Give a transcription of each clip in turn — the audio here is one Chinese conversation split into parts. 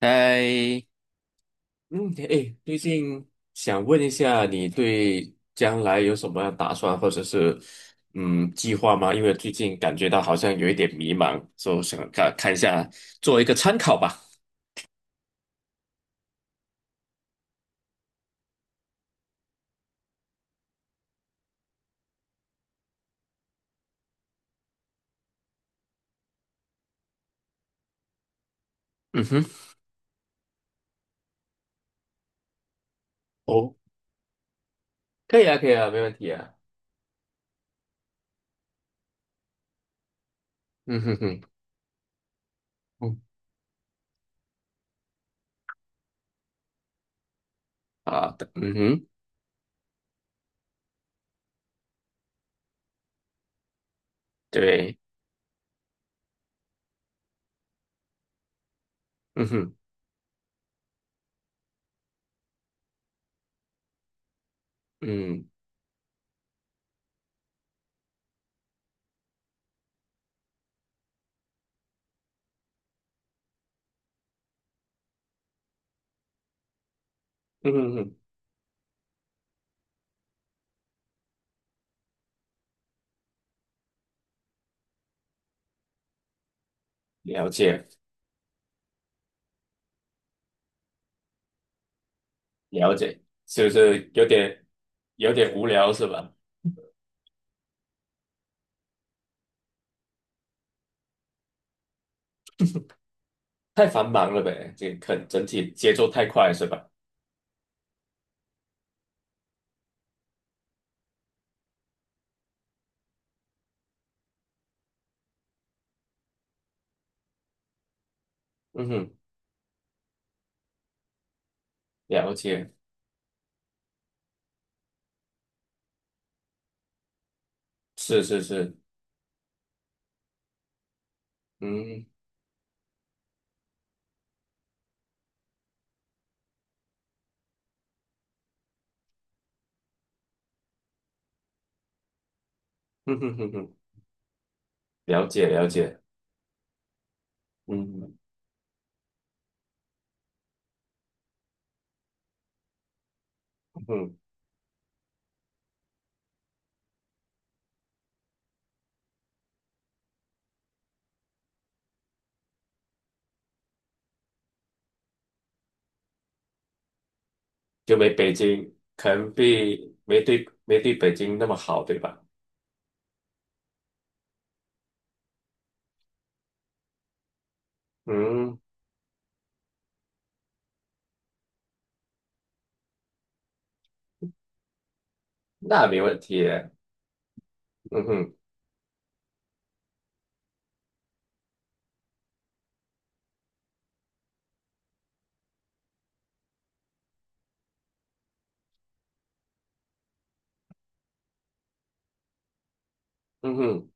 哎，嗯，哎，最近想问一下，你对将来有什么样打算，或者是计划吗？因为最近感觉到好像有一点迷茫，所以想看看一下，做一个参考吧。嗯哼，哦，可以啊，可以啊，没问题啊。嗯哼哼，嗯，好的，嗯哼，对，嗯哼，嗯，嗯哼哼，了解，了解，是不是有点无聊是吧？太繁忙了呗，这肯整体节奏太快是吧？嗯哼。了解，是是是，嗯，哼哼哼哼，了解了解，嗯哼，就没北京，可能比没对没对北京那么好，对吧？嗯，那没问题，嗯哼嗯哼，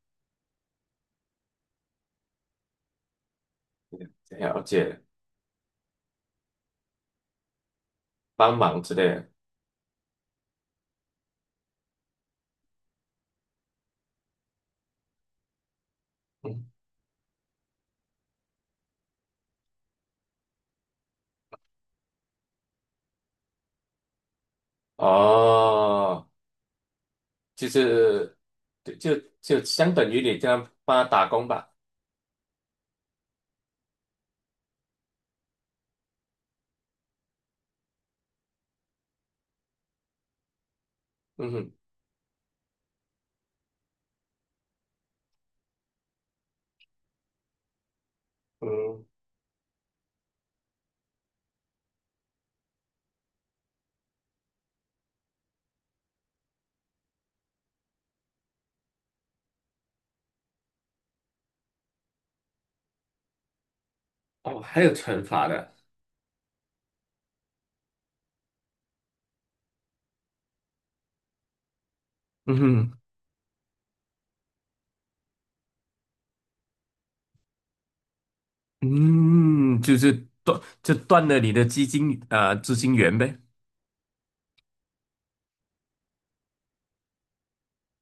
了解，帮忙之类的，嗯，哦，就是对就相等于你这样帮他打工吧，嗯哼嗯，哦，还有惩罚的。嗯哼嗯，就是断就断了你的基金啊、资金源呗。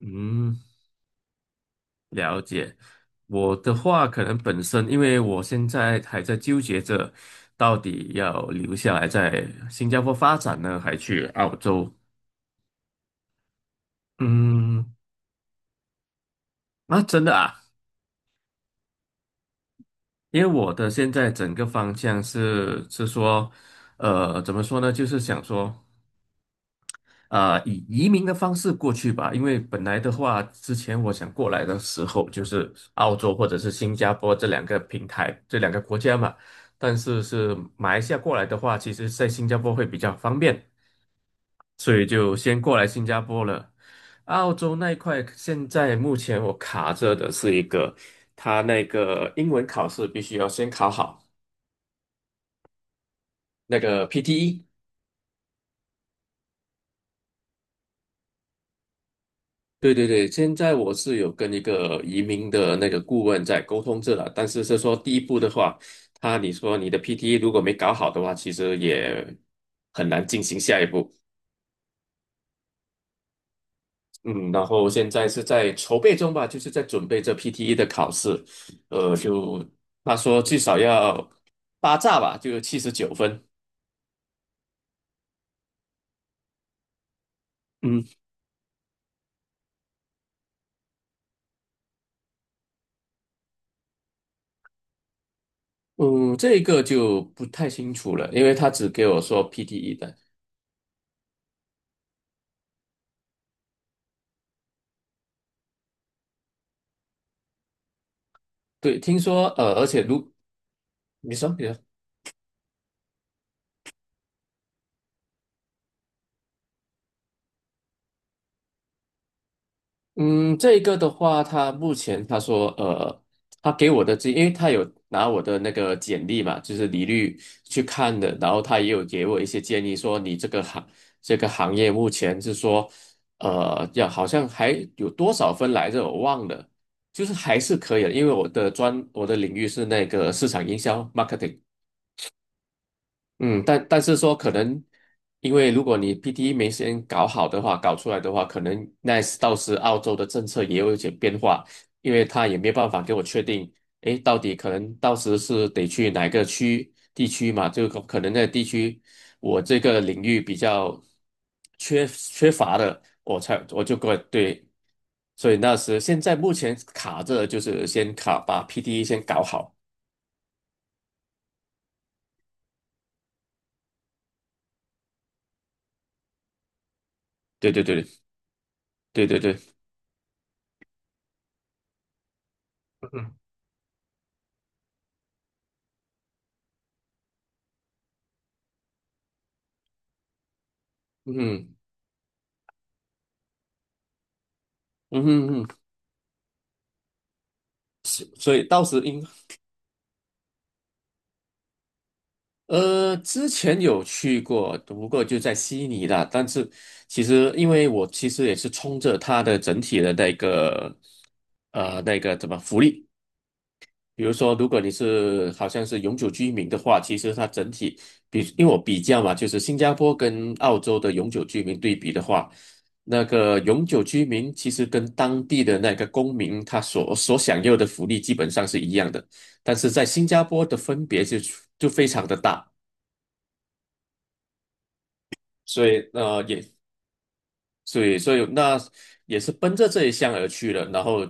嗯，了解。我的话，可能本身因为我现在还在纠结着，到底要留下来在新加坡发展呢，还去澳洲？嗯，啊，真的啊，因为我的现在整个方向是说，怎么说呢？就是想说。啊、以移民的方式过去吧，因为本来的话，之前我想过来的时候，就是澳洲或者是新加坡这两个平台，这两个国家嘛。但是是马来西亚过来的话，其实在新加坡会比较方便，所以就先过来新加坡了。澳洲那一块，现在目前我卡着的是一个，他那个英文考试必须要先考好那个 PTE。对对对，现在我是有跟一个移民的那个顾问在沟通这了，但是是说第一步的话，他你说你的 PTE 如果没搞好的话，其实也很难进行下一步。嗯，然后现在是在筹备中吧，就是在准备这 PTE 的考试，就他说至少要八炸吧，就79分。嗯嗯，这个就不太清楚了，因为他只给我说 PTE 的。对，听说而且如你说你说。嗯，这个的话，他目前他说，他给我的这，因为他有拿我的那个简历嘛，就是履历去看的，然后他也有给我一些建议，说你这个行业目前是说，要好像还有多少分来着，我忘了，就是还是可以的，因为我的领域是那个市场营销 marketing。嗯，但是说可能，因为如果你 PTE 没先搞好的话，搞出来的话，可能那时到时澳洲的政策也有一些变化，因为他也没办法给我确定，诶，到底可能到时是得去哪个区地区嘛？就可可能那个地区我这个领域比较缺乏的，我才我就过对，所以那时现在目前卡着就是先卡把 PTE 先搞好，对对对对对对，嗯嗯嗯嗯。所以到时应之前有去过，不过就在悉尼啦。但是其实因为我其实也是冲着它的整体的那个怎么福利。比如说，如果你是好像是永久居民的话，其实它整体比，因为我比较嘛，就是新加坡跟澳洲的永久居民对比的话，那个永久居民其实跟当地的那个公民他所享有的福利基本上是一样的，但是在新加坡的分别就非常的大，所以也所以，所以那也是奔着这一项而去的。然后，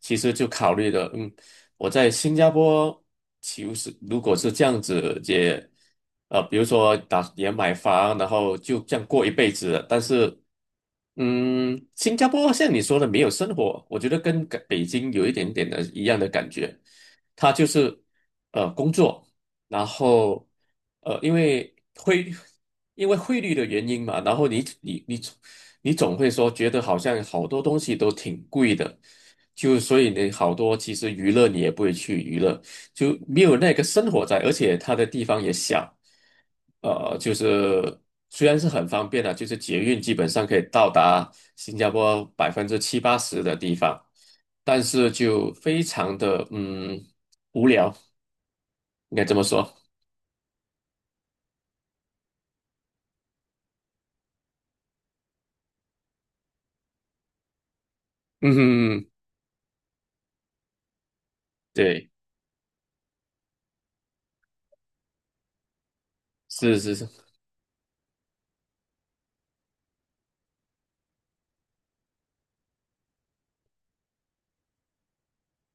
其实就考虑的，嗯，我在新加坡，其实如果是这样子，也，比如说打也买房，然后就这样过一辈子了。但是，嗯，新加坡像你说的没有生活，我觉得跟感北京有一点点的一样的感觉，它就是工作。然后因为汇率的原因嘛，然后你总会说觉得好像好多东西都挺贵的，就所以你好多其实娱乐你也不会去娱乐，就没有那个生活在，而且它的地方也小，就是虽然是很方便的，就是捷运基本上可以到达新加坡百分之七八十的地方，但是就非常的无聊，应该这么说。嗯哼嗯对，是是是，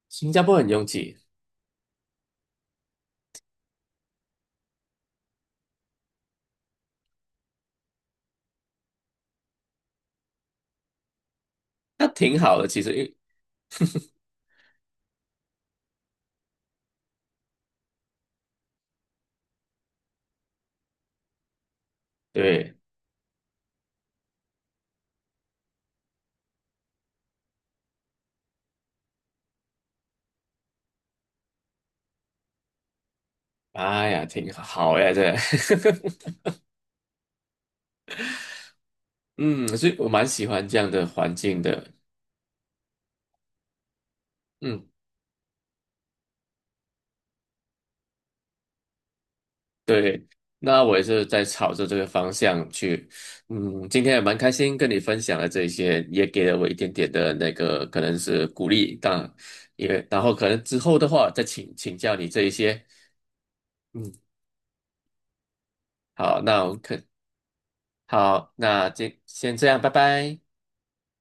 新加坡很拥挤，那挺好的，其实，因为对，哎呀，挺好呀，这，嗯，所以我蛮喜欢这样的环境的，嗯，对，那我也是在朝着这个方向去，嗯，今天也蛮开心跟你分享了这一些，也给了我一点点的那个可能是鼓励，当也然后可能之后的话再请教你这一些，嗯，好，那我可好，那今先这样，拜拜。